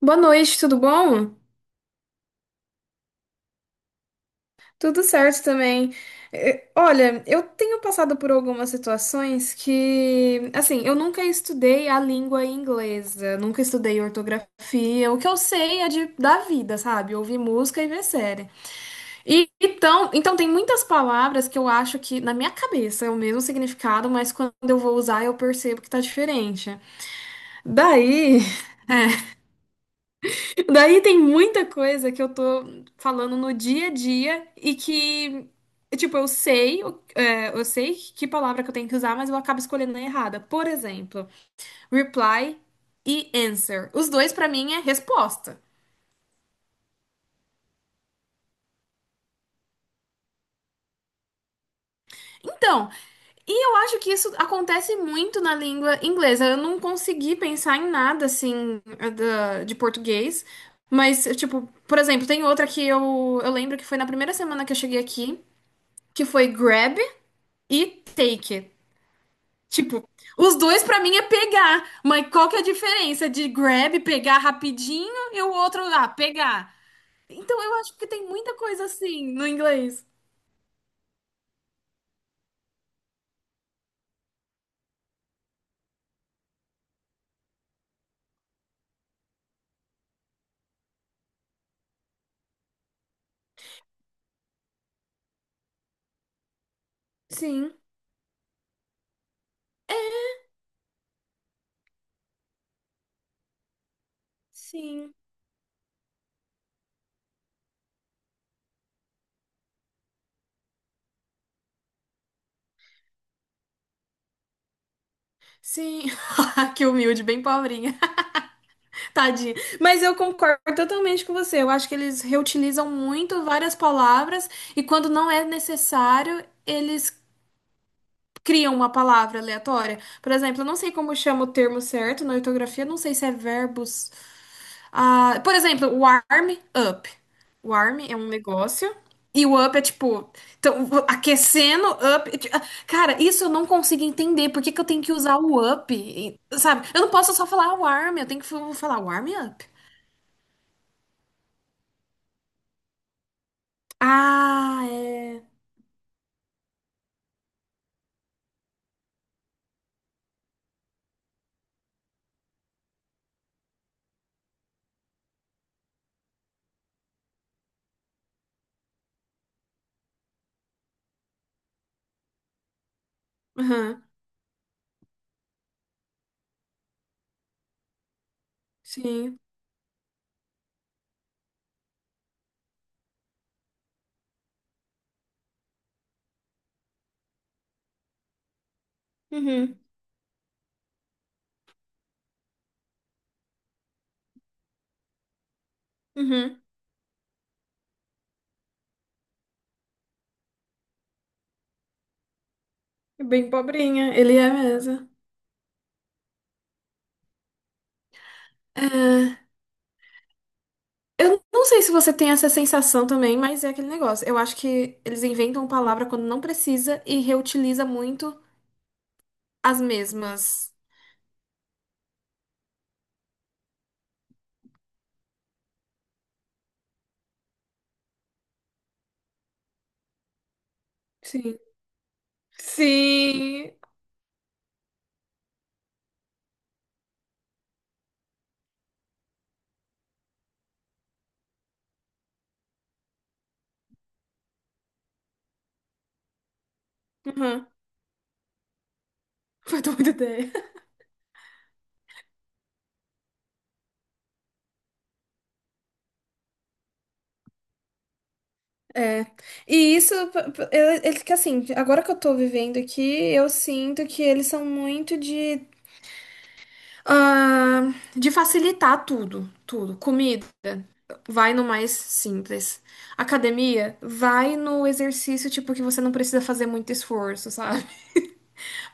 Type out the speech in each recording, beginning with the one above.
Boa noite, tudo bom? Tudo certo também. Olha, eu tenho passado por algumas situações que, assim, eu nunca estudei a língua inglesa, nunca estudei ortografia. O que eu sei é da vida, sabe? Ouvir música e ver série. Então tem muitas palavras que eu acho que na minha cabeça é o mesmo significado, mas quando eu vou usar eu percebo que tá diferente. Daí Daí tem muita coisa que eu tô falando no dia a dia e que, tipo, eu sei, eu sei que palavra que eu tenho que usar, mas eu acabo escolhendo a errada. Por exemplo, reply e answer. Os dois pra mim é resposta. Então, eu acho que isso acontece muito na língua inglesa. Eu não consegui pensar em nada assim de português, mas, tipo, por exemplo, tem outra que eu lembro que foi na primeira semana que eu cheguei aqui, que foi grab e take. Tipo, os dois pra mim é pegar, mas qual que é a diferença de grab, pegar rapidinho e o outro lá, pegar? Então eu acho que tem muita coisa assim no inglês. Sim, é, sim, sim. Que humilde, bem pobrinha. Tadinha. Mas eu concordo totalmente com você. Eu acho que eles reutilizam muito várias palavras e quando não é necessário, eles criam uma palavra aleatória. Por exemplo, eu não sei como chama o termo certo na ortografia, não sei se é verbos. Ah, por exemplo, warm up. Warm é um negócio. E o up é tipo, então, aquecendo, up. Ah, cara, isso eu não consigo entender. Por que que eu tenho que usar o up? E, sabe? Eu não posso só falar warm, eu tenho que falar warm up. Ah, é. Aham, sim. Uhum, uhum. É bem pobrinha, ele é mesmo. Eu não sei se você tem essa sensação também, mas é aquele negócio. Eu acho que eles inventam palavra quando não precisa e reutiliza muito as mesmas. Sim. Sim. Uhum. Foi tua ideia. É. E isso, eles que assim, agora que eu tô vivendo aqui, eu sinto que eles são muito de, ah, de facilitar tudo, tudo. Comida, vai no mais simples. Academia, vai no exercício tipo que você não precisa fazer muito esforço, sabe?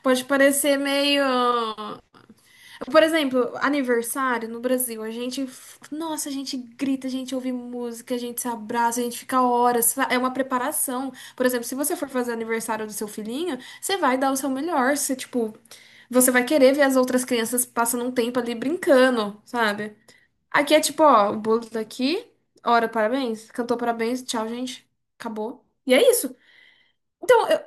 Pode parecer meio, por exemplo, aniversário no Brasil, a gente, nossa, a gente grita, a gente ouve música, a gente se abraça, a gente fica horas, é uma preparação. Por exemplo, se você for fazer aniversário do seu filhinho, você vai dar o seu melhor, você, tipo, você vai querer ver as outras crianças passando um tempo ali brincando, sabe? Aqui é tipo, ó, o bolo tá aqui, ora, parabéns, cantou parabéns, tchau, gente, acabou. E é isso. Então, eu-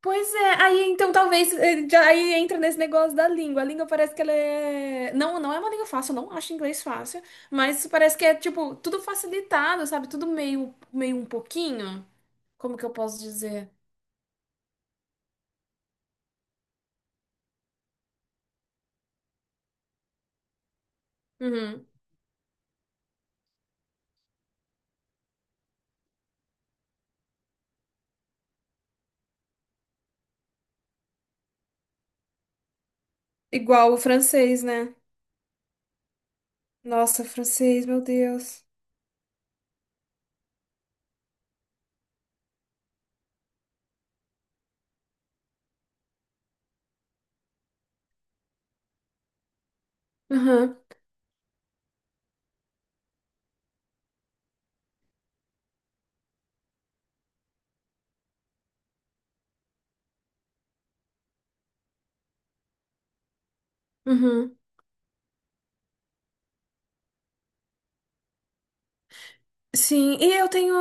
Pois é, aí então talvez já aí entra nesse negócio da língua. A língua parece que ela é. Não, não é uma língua fácil, eu não acho inglês fácil, mas parece que é tipo tudo facilitado, sabe? Tudo meio, meio um pouquinho. Como que eu posso dizer? Uhum. Igual o francês, né? Nossa, francês, meu Deus. Uhum, uhum. Sim, e eu tenho.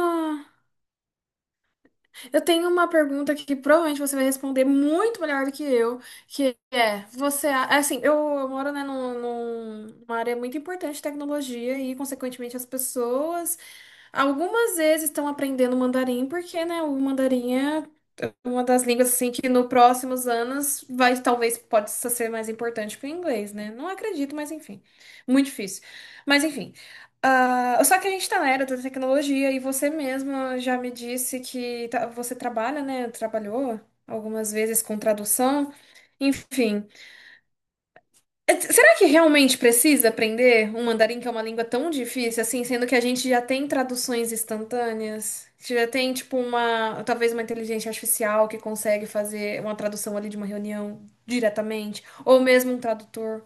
Eu tenho uma pergunta que provavelmente você vai responder muito melhor do que eu, que é, você, eu moro, né, numa área muito importante de tecnologia e, consequentemente, as pessoas, algumas vezes estão aprendendo mandarim porque, né, o mandarim é uma das línguas assim que nos próximos anos vai talvez pode ser mais importante que o inglês, né? Não acredito, mas enfim, muito difícil. Mas enfim, ah, só que a gente tá na era da tecnologia e você mesma já me disse que você trabalha, né? Trabalhou algumas vezes com tradução, enfim. Será que realmente precisa aprender um mandarim que é uma língua tão difícil assim, sendo que a gente já tem traduções instantâneas? Já tem, tipo, uma, talvez uma inteligência artificial que consegue fazer uma tradução ali de uma reunião diretamente, ou mesmo um tradutor.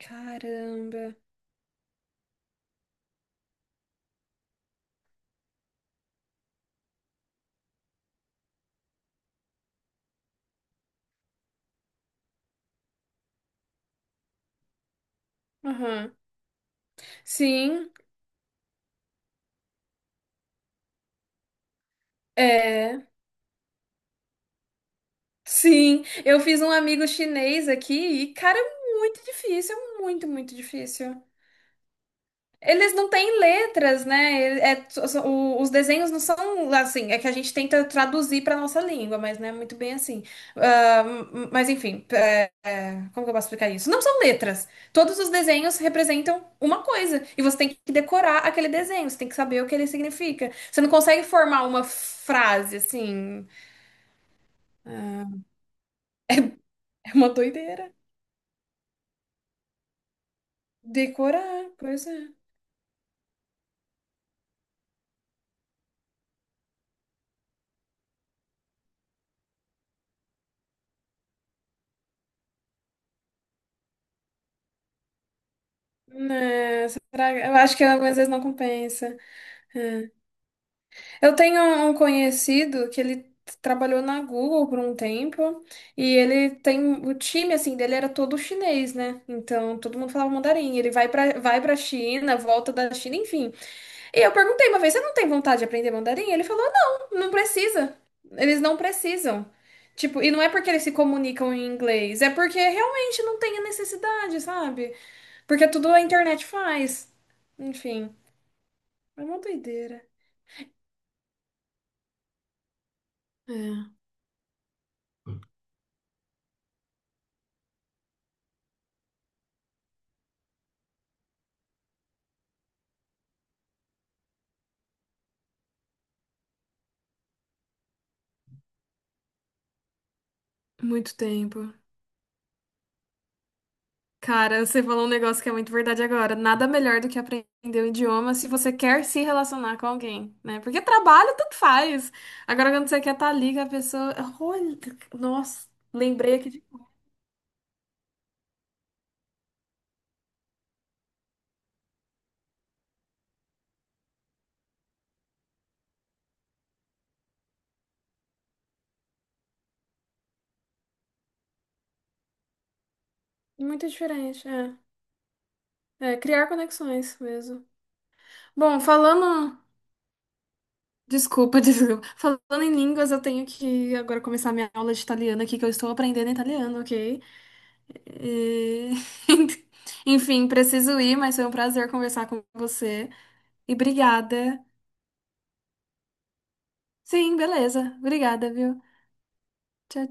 Caramba. Aham. Sim, é. Sim, eu fiz um amigo chinês aqui e, cara, é muito difícil, é muito, muito difícil. Eles não têm letras, né? É, os desenhos não são assim, é que a gente tenta traduzir para nossa língua, mas não é muito bem assim. Ah, mas enfim, é, como que eu posso explicar isso? Não são letras. Todos os desenhos representam uma coisa e você tem que decorar aquele desenho, você tem que saber o que ele significa. Você não consegue formar uma frase assim. É uma doideira. Decorar, pois é. Eu acho que algumas vezes não compensa. Eu tenho um conhecido que ele trabalhou na Google por um tempo e ele tem o time assim dele era todo chinês, né? Então todo mundo falava mandarim. Ele vai para China, volta da China, enfim. E eu perguntei uma vez, você não tem vontade de aprender mandarim? Ele falou, não, não precisa. Eles não precisam. Tipo, e não é porque eles se comunicam em inglês, é porque realmente não tem a necessidade, sabe? Porque tudo a internet faz. Enfim, é uma doideira. É, muito tempo. Cara, você falou um negócio que é muito verdade agora. Nada melhor do que aprender um idioma se você quer se relacionar com alguém, né? Porque trabalho tanto faz. Agora, quando você quer estar ali com a pessoa. Olha, nossa, lembrei aqui de. Muito diferente, é. É, criar conexões mesmo. Bom, falando. Desculpa, desculpa. Falando em línguas, eu tenho que agora começar minha aula de italiano aqui, que eu estou aprendendo italiano, ok? E... Enfim, preciso ir, mas foi um prazer conversar com você. E obrigada. Sim, beleza. Obrigada, viu? Tchau,